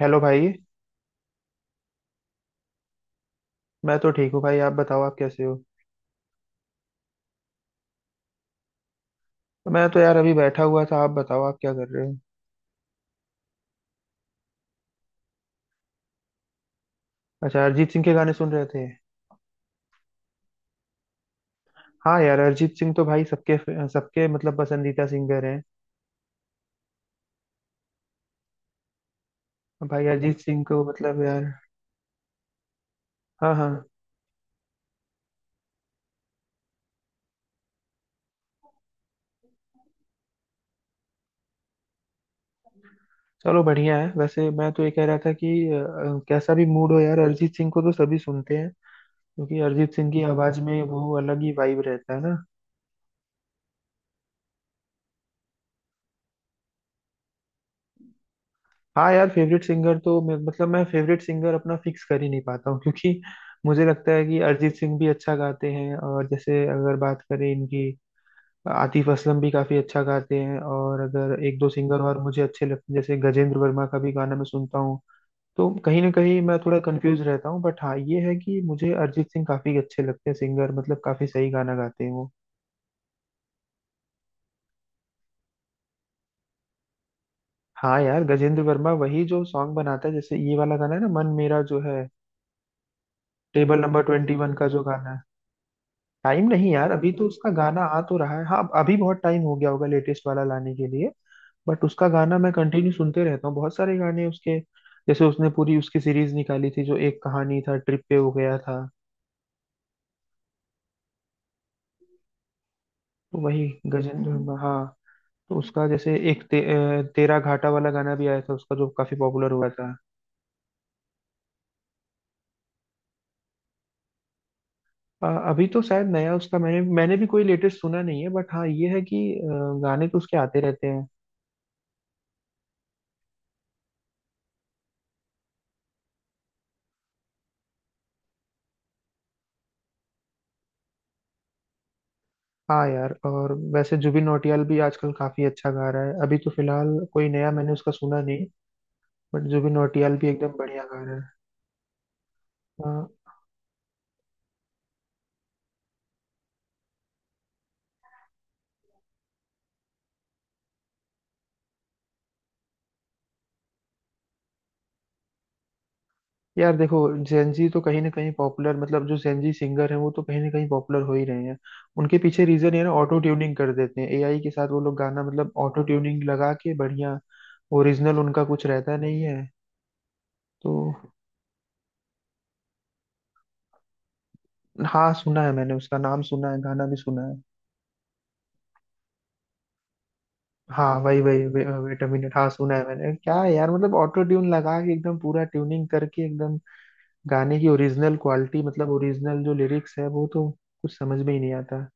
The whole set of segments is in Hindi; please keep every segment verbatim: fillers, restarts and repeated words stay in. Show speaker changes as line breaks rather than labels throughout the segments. हेलो भाई। मैं तो ठीक हूँ भाई, आप बताओ आप कैसे हो। मैं तो यार अभी बैठा हुआ था, आप बताओ आप क्या कर रहे हो। अच्छा, अरिजीत सिंह के गाने सुन रहे थे। हाँ यार, अरिजीत सिंह तो भाई सबके सबके मतलब पसंदीदा सिंगर हैं। भाई अरिजीत सिंह को मतलब यार, हाँ हाँ। चलो बढ़िया है। वैसे मैं तो ये कह रहा था कि अ, कैसा भी मूड हो यार, अरिजीत सिंह को तो सभी सुनते हैं क्योंकि अरिजीत सिंह की आवाज में वो अलग ही वाइब रहता है ना। हाँ यार, फेवरेट सिंगर तो मैं मतलब मैं फेवरेट सिंगर अपना फिक्स कर ही नहीं पाता हूँ क्योंकि मुझे लगता है कि अरिजीत सिंह भी अच्छा गाते हैं, और जैसे अगर बात करें इनकी, आतिफ असलम भी काफी अच्छा गाते हैं। और अगर एक दो सिंगर और मुझे अच्छे लगते हैं, जैसे गजेंद्र वर्मा का भी गाना मैं सुनता हूँ। तो कहीं ना कहीं मैं थोड़ा कंफ्यूज रहता हूँ, बट हाँ ये है कि मुझे अरिजीत सिंह काफी अच्छे लगते हैं सिंगर, मतलब काफी सही गाना गाते हैं वो। हाँ यार, गजेंद्र वर्मा वही जो सॉन्ग बनाता है। जैसे ये वाला गाना है ना, मन मेरा जो है, टेबल नंबर ट्वेंटी वन का जो गाना है। टाइम नहीं यार, अभी तो उसका गाना आ तो रहा है। हाँ अभी बहुत टाइम हो गया होगा लेटेस्ट वाला लाने के लिए। बट उसका गाना मैं कंटिन्यू सुनते रहता हूँ, बहुत सारे गाने उसके। जैसे उसने पूरी उसकी सीरीज निकाली थी, जो एक कहानी था ट्रिप पे हो गया था, तो वही गजेंद्र। हम्म। हुआ। हाँ। तो उसका जैसे एक ते, अ, तेरा घाटा वाला गाना भी आया था उसका, जो काफी पॉपुलर हुआ था। अ, अभी तो शायद नया उसका मैंने मैंने भी कोई लेटेस्ट सुना नहीं है। बट हाँ ये है कि अ, गाने तो उसके आते रहते हैं। हाँ यार, और वैसे जुबिन नौटियाल भी आजकल काफी अच्छा गा रहा है। अभी तो फिलहाल कोई नया मैंने उसका सुना नहीं। बट जुबिन नौटियाल भी एकदम बढ़िया गा रहा है। हाँ। यार देखो, जेनजी तो कहीं ना कहीं पॉपुलर, मतलब जो जेनजी सिंगर हैं वो तो कहीं ना कहीं पॉपुलर हो ही रहे हैं। उनके पीछे रीजन ये ना, ऑटो ट्यूनिंग कर देते हैं एआई के साथ वो लोग, गाना मतलब ऑटो ट्यूनिंग लगा के बढ़िया, ओरिजिनल उनका कुछ रहता नहीं है। तो हाँ, सुना है मैंने, उसका नाम सुना है, गाना भी सुना है। हाँ वही वही वे, वेट अ मिनट। हाँ सुना है मैंने। क्या है यार मतलब, ऑटो ट्यून लगा के एकदम पूरा ट्यूनिंग करके एकदम गाने की ओरिजिनल क्वालिटी, मतलब ओरिजिनल जो लिरिक्स है वो तो कुछ समझ में ही नहीं आता।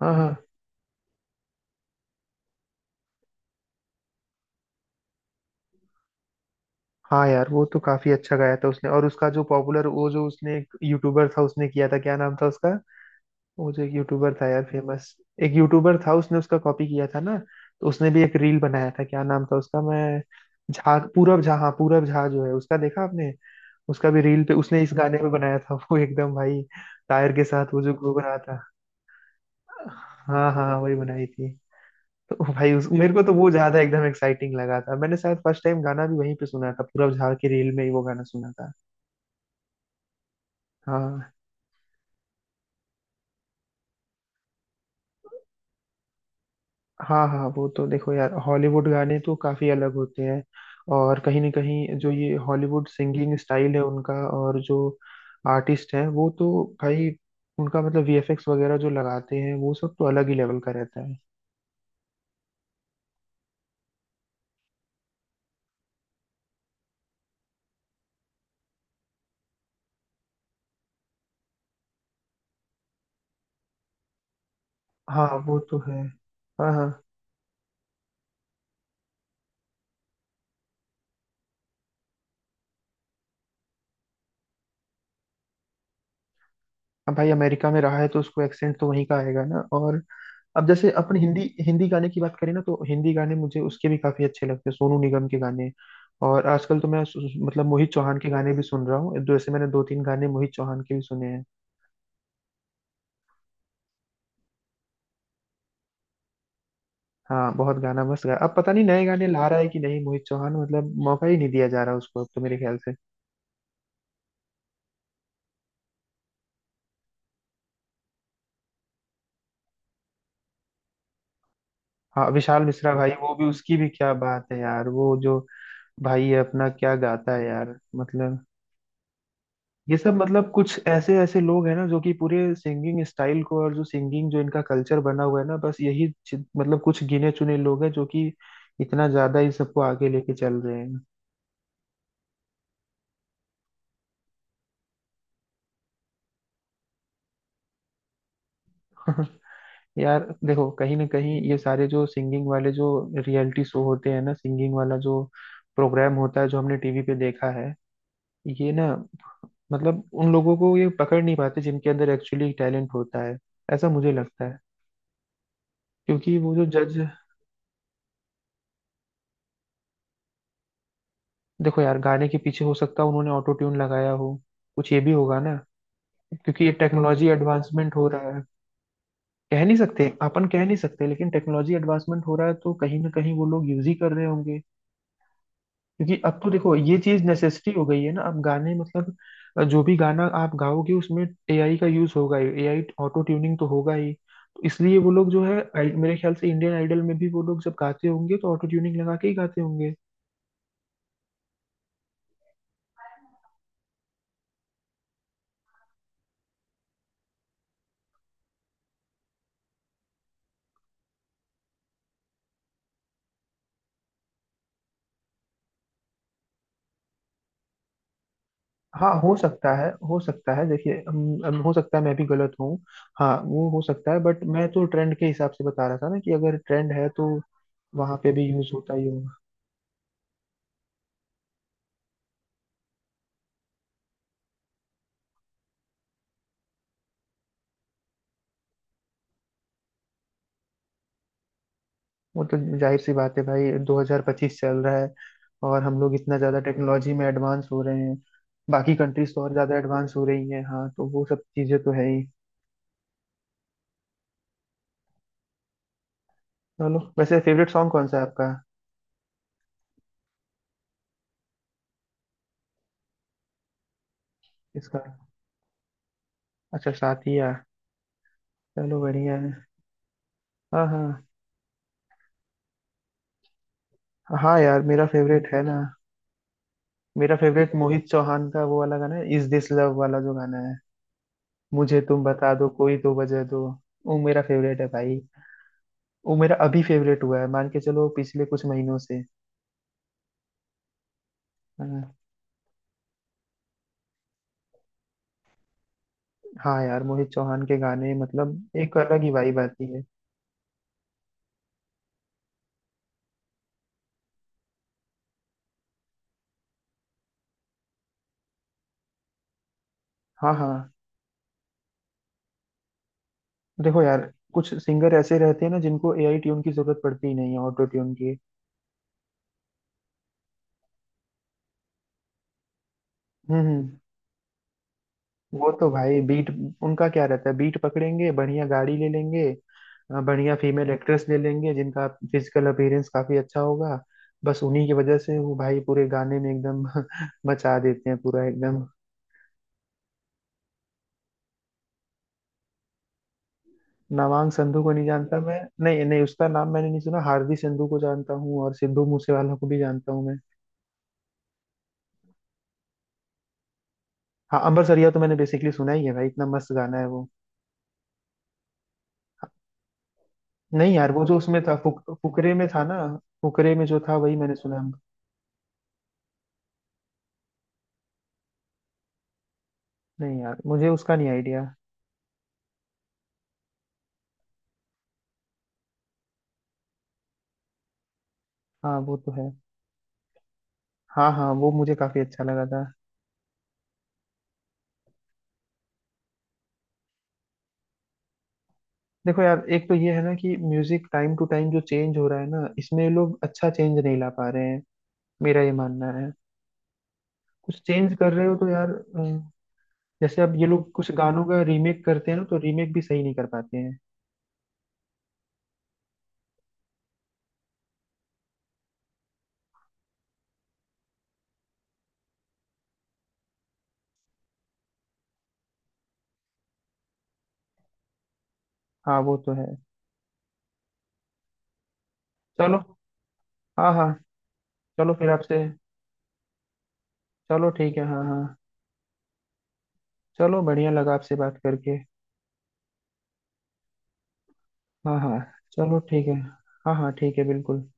हाँ हाँ। हाँ यार, वो तो काफी अच्छा गाया था उसने। और उसका जो पॉपुलर, वो जो उसने, एक यूट्यूबर था उसने किया था, क्या नाम था उसका। वो जो एक यूट्यूबर था यार फेमस, एक यूट्यूबर था, उसने उसका कॉपी किया था ना। तो उसने भी एक रील बनाया था, क्या नाम था उसका, मैं, झा, पूरब झा। हाँ पूरब झा जो है, उसका देखा आपने। उसका भी रील पे उसने इस गाने पे बनाया था, वो एकदम भाई टायर के साथ वो जो घूम रहा था। हाँ हाँ हाँ, वही बनाई थी। तो भाई उस, मेरे को तो वो ज्यादा एकदम एक्साइटिंग लगा था। मैंने शायद फर्स्ट टाइम गाना भी वहीं पे सुना था, पूरा झाड़ के रील में ही वो गाना सुना था। हाँ हाँ। हाँ वो तो देखो यार, हॉलीवुड गाने तो काफी अलग होते हैं। और कहीं ना कहीं जो ये हॉलीवुड सिंगिंग स्टाइल है उनका, और जो आर्टिस्ट हैं वो तो भाई, उनका मतलब वीएफएक्स वगैरह जो लगाते हैं वो सब तो अलग ही लेवल का रहता है। हाँ वो तो है। हाँ हाँ। अब भाई अमेरिका में रहा है तो उसको एक्सेंट तो वहीं का आएगा ना। और अब जैसे अपन हिंदी हिंदी गाने की बात करें ना, तो हिंदी गाने मुझे उसके भी काफी अच्छे लगते हैं, सोनू निगम के गाने। और आजकल तो मैं सु- सु- मतलब मोहित चौहान के गाने भी सुन रहा हूँ। जैसे मैंने दो तीन गाने मोहित चौहान के भी सुने हैं। हाँ बहुत गाना मस्त गा, अब पता नहीं नए गाने ला रहा है कि नहीं मोहित चौहान, मतलब मौका ही नहीं दिया जा रहा उसको अब तो मेरे ख्याल से। हाँ विशाल मिश्रा, भाई वो भी, उसकी भी क्या बात है यार, वो जो भाई है अपना, क्या गाता है यार मतलब। ये सब मतलब कुछ ऐसे ऐसे लोग हैं ना जो कि पूरे सिंगिंग स्टाइल को, और जो सिंगिंग जो इनका कल्चर बना हुआ है ना, बस यही चि- मतलब कुछ गिने चुने लोग हैं जो कि इतना ज्यादा इस सबको आगे लेके चल रहे हैं। यार देखो, कहीं ना कहीं ये सारे जो सिंगिंग वाले जो रियलिटी शो होते हैं ना, सिंगिंग वाला जो प्रोग्राम होता है जो हमने टीवी पे देखा है ये ना, मतलब उन लोगों को ये पकड़ नहीं पाते जिनके अंदर एक्चुअली टैलेंट होता है, ऐसा मुझे लगता है। क्योंकि वो जो जज। देखो यार, गाने के पीछे हो सकता है उन्होंने ऑटो ट्यून लगाया हो, कुछ ये भी होगा ना। क्योंकि ये टेक्नोलॉजी एडवांसमेंट हो रहा है। कह नहीं सकते अपन, कह नहीं सकते, लेकिन टेक्नोलॉजी एडवांसमेंट हो रहा है तो कहीं ना कहीं वो लोग यूज ही कर रहे होंगे। क्योंकि अब तो देखो, ये चीज नेसेसिटी हो गई है ना। अब गाने मतलब अ, जो भी गाना आप गाओगे उसमें एआई का यूज होगा ही, एआई ऑटो ट्यूनिंग तो होगा ही। तो इसलिए वो लोग जो है आई- मेरे ख्याल से इंडियन आइडल में भी वो लोग जब गाते होंगे तो ऑटो ट्यूनिंग लगा के ही गाते होंगे। हाँ हो सकता है हो सकता है, देखिए अम, अम, हो सकता है मैं भी गलत हूँ। हाँ वो हो सकता है, बट मैं तो ट्रेंड के हिसाब से बता रहा था ना कि अगर ट्रेंड है तो वहाँ पे भी यूज होता ही होगा। वो तो जाहिर सी बात है भाई, दो हज़ार पच्चीस चल रहा है और हम लोग इतना ज़्यादा टेक्नोलॉजी में एडवांस हो रहे हैं। बाकी कंट्रीज तो और ज़्यादा एडवांस हो रही हैं। हाँ तो वो सब चीज़ें तो है ही। चलो, वैसे फेवरेट सॉन्ग कौन सा है आपका। इसका? अच्छा, साथिया। चलो बढ़िया है। हाँ हाँ। हाँ यार, मेरा फेवरेट है ना, मेरा फेवरेट मोहित चौहान का वो वाला गाना है, इज दिस लव वाला जो गाना है। मुझे तुम बता दो कोई तो वजह दो, वो मेरा फेवरेट है भाई। वो मेरा अभी फेवरेट हुआ है, मान के चलो पिछले कुछ महीनों से। हाँ। हाँ यार, मोहित चौहान के गाने मतलब एक अलग ही वाइब आती है। हाँ हाँ। देखो यार, कुछ सिंगर ऐसे रहते हैं ना जिनको एआई ट्यून की जरूरत पड़ती ही नहीं है, ऑटो ट्यून की। हम्म हम्म। वो तो भाई बीट, उनका क्या रहता है, बीट पकड़ेंगे, बढ़िया गाड़ी ले लेंगे, अ, बढ़िया फीमेल एक्ट्रेस ले लेंगे जिनका फिजिकल अपीयरेंस काफी अच्छा होगा। बस उन्हीं की वजह से वो भाई पूरे गाने में एकदम मचा देते हैं, पूरा एकदम। नवांग संधू को नहीं जानता मैं, नहीं नहीं उसका नाम मैंने नहीं सुना। हार्दी संधू को जानता हूँ और सिद्धू मूसेवाला को भी जानता हूँ मैं। हाँ अंबर सरिया तो मैंने बेसिकली सुना ही है भाई, इतना मस्त गाना है वो। नहीं यार, वो जो उसमें था फुक, फुकरे में था ना। फुकरे में जो था वही मैंने सुना। नहीं यार मुझे उसका नहीं आइडिया। हाँ वो तो है। हाँ हाँ, वो मुझे काफी अच्छा लगा था। देखो यार, एक तो ये है ना कि म्यूजिक टाइम टू टाइम जो चेंज हो रहा है ना, इसमें ये लोग अच्छा चेंज नहीं ला पा रहे हैं, मेरा ये मानना है। कुछ चेंज कर रहे हो तो यार अ, जैसे अब ये लोग कुछ गानों का रीमेक करते हैं ना, तो रीमेक भी सही नहीं कर पाते हैं। हाँ वो तो है। चलो, हाँ हाँ। चलो फिर आपसे, चलो ठीक है, हाँ हाँ। चलो बढ़िया लगा आपसे बात करके। हाँ हाँ। चलो ठीक है, हाँ हाँ ठीक है बिल्कुल।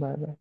Bye bye.